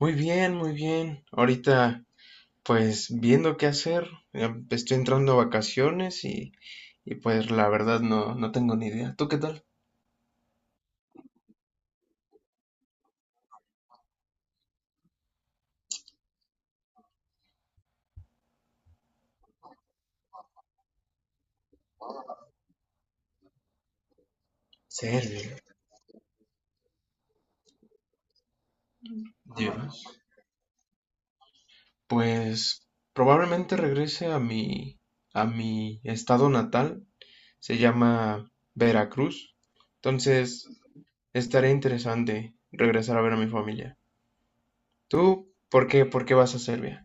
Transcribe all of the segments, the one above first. Muy bien, muy bien. Ahorita, pues viendo qué hacer. Ya estoy entrando a vacaciones pues la verdad no, no tengo ni idea. ¿Tú qué tal? ¿Serio? Dios. Pues probablemente regrese a a mi estado natal. Se llama Veracruz. Entonces, estaría interesante regresar a ver a mi familia. ¿Tú por qué vas a Serbia?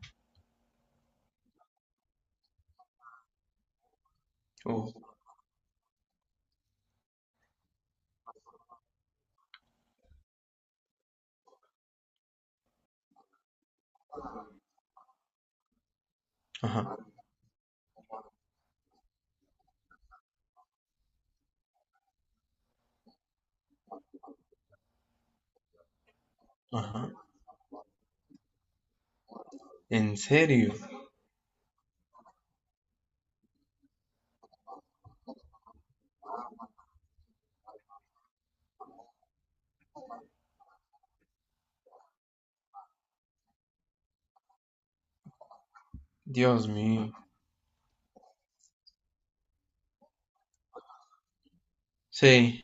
Oh, ajá, ajá. ¿En serio? Dios mío. Sí,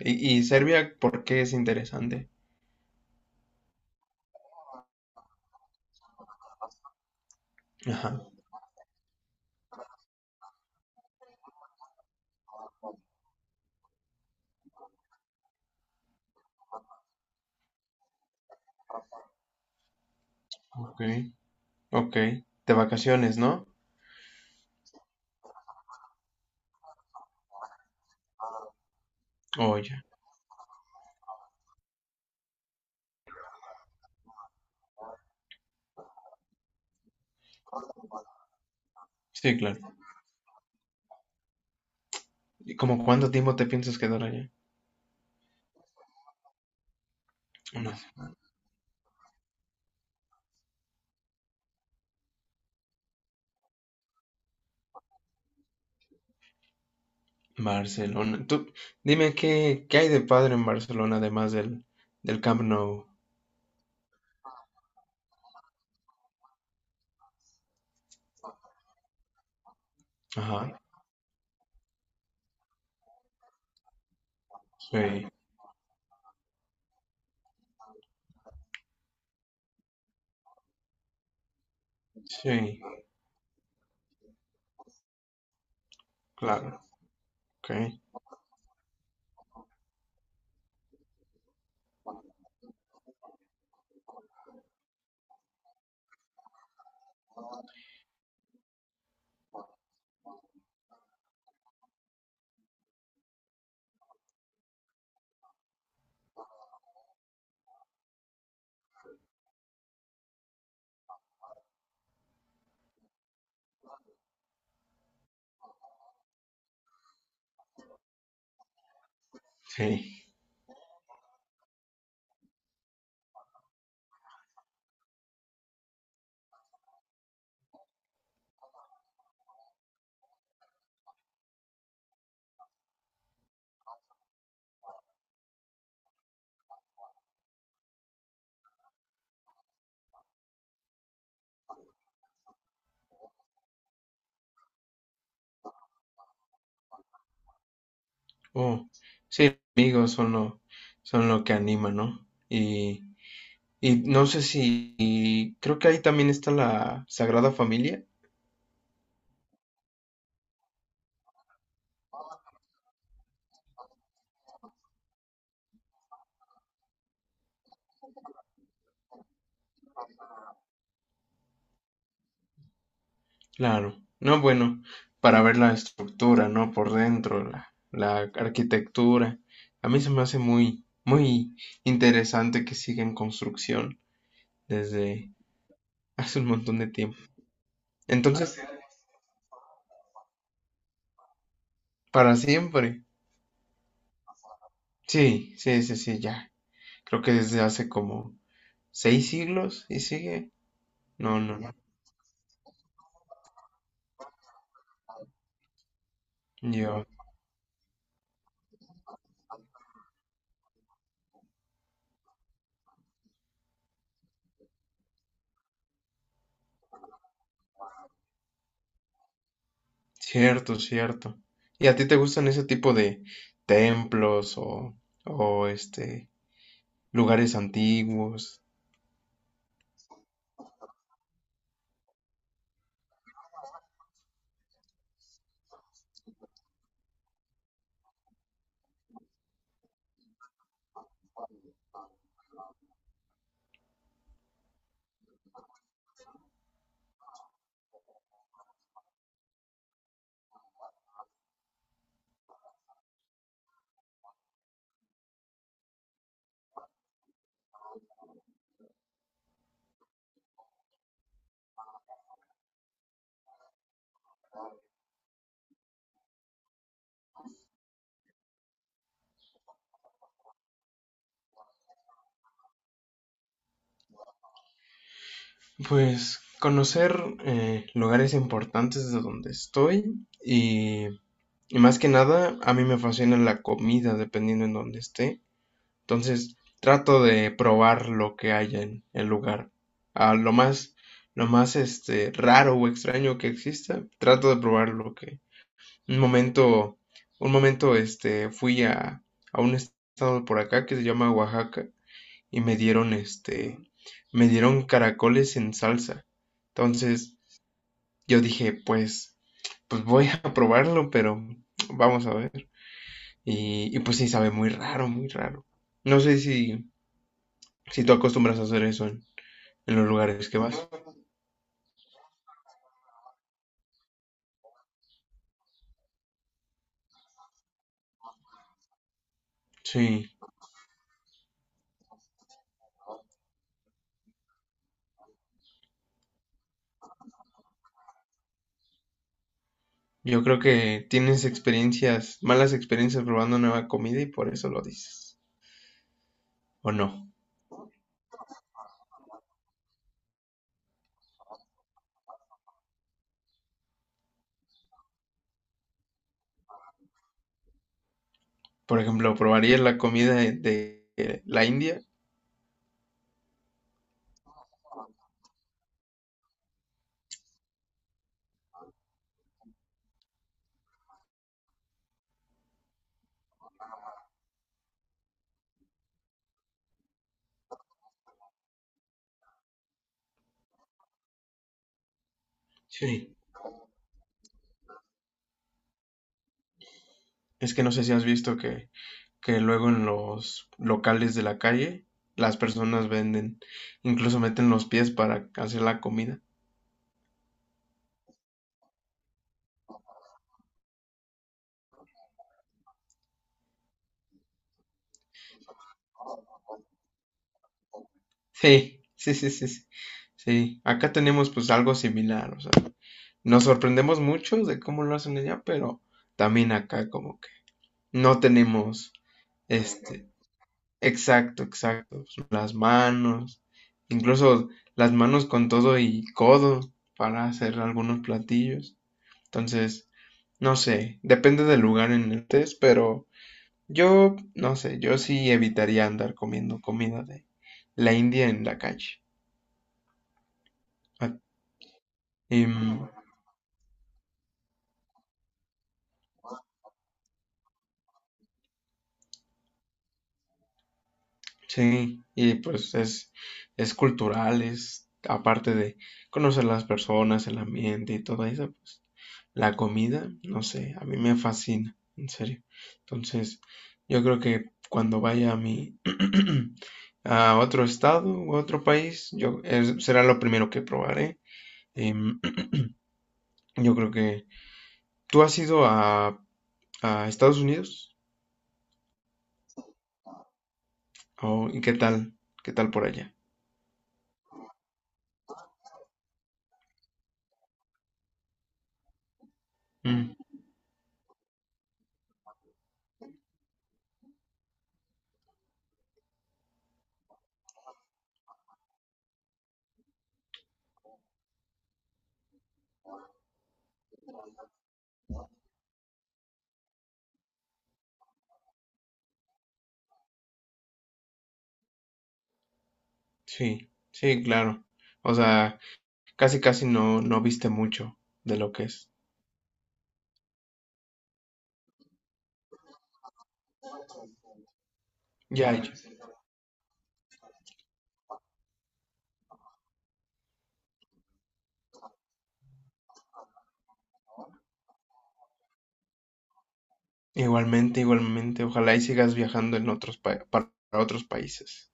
y Serbia, ¿por qué es interesante? Ajá, ok, ok. De vacaciones, ¿no? Oye. Sí, claro. ¿Y como cuánto tiempo te piensas quedar allá? No sé. Barcelona. Tú, dime, ¿qué hay de padre en Barcelona además del Camp Nou? Ajá, sí, sí, claro, ok, sí. Oh, amigos son lo que anima, ¿no? Y no sé si, y creo que ahí también está la Sagrada Familia. Claro, no, bueno, para ver la estructura, ¿no? Por dentro, la arquitectura. A mí se me hace muy, muy interesante que siga en construcción desde hace un montón de tiempo. Entonces, así para siempre. Sí, sí, sí, sí, ya. Creo que desde hace como 6 siglos y sigue. No, no, ya. Yo. Cierto, cierto. ¿Y a ti te gustan ese tipo de templos o lugares antiguos? Pues conocer lugares importantes de donde estoy y más que nada a mí me fascina la comida dependiendo en donde esté. Entonces trato de probar lo que haya en el lugar. Ah, lo más raro o extraño que exista, trato de probar lo que... Un momento, un momento fui a un estado por acá que se llama Oaxaca y me dieron caracoles en salsa. Entonces yo dije, pues voy a probarlo, pero vamos a ver. Y pues sí, sabe muy raro, muy raro. No sé si, si tú acostumbras a hacer eso en los lugares que vas. Sí, yo creo que tienes experiencias, malas experiencias probando nueva comida y por eso lo dices. ¿O no? Por ejemplo, ¿probarías la comida de la India? Sí. Es que no sé si has visto que luego en los locales de la calle las personas venden, incluso meten los pies para hacer la comida. Sí, sí, sí, sí, sí. Sí, acá tenemos pues algo similar, o sea, nos sorprendemos mucho de cómo lo hacen allá, pero también acá como que no tenemos este, exacto, exacto, las manos, incluso las manos con todo y codo para hacer algunos platillos. Entonces, no sé, depende del lugar en el que estés, pero yo, no sé, yo sí evitaría andar comiendo comida de la India en la calle. Ah, em, sí, y pues es, cultural, es aparte de conocer las personas, el ambiente y todo eso, pues la comida, no sé, a mí me fascina, en serio. Entonces, yo creo que cuando vaya a mi a otro estado u otro país, yo será lo primero que probaré. Em, yo creo que tú has ido a Estados Unidos. ¿Y qué tal por allá? Mm, sí, sí, claro. O sea, casi casi no no viste mucho de lo que es. Ya, ya. Igualmente, igualmente, ojalá y sigas viajando en otros para otros países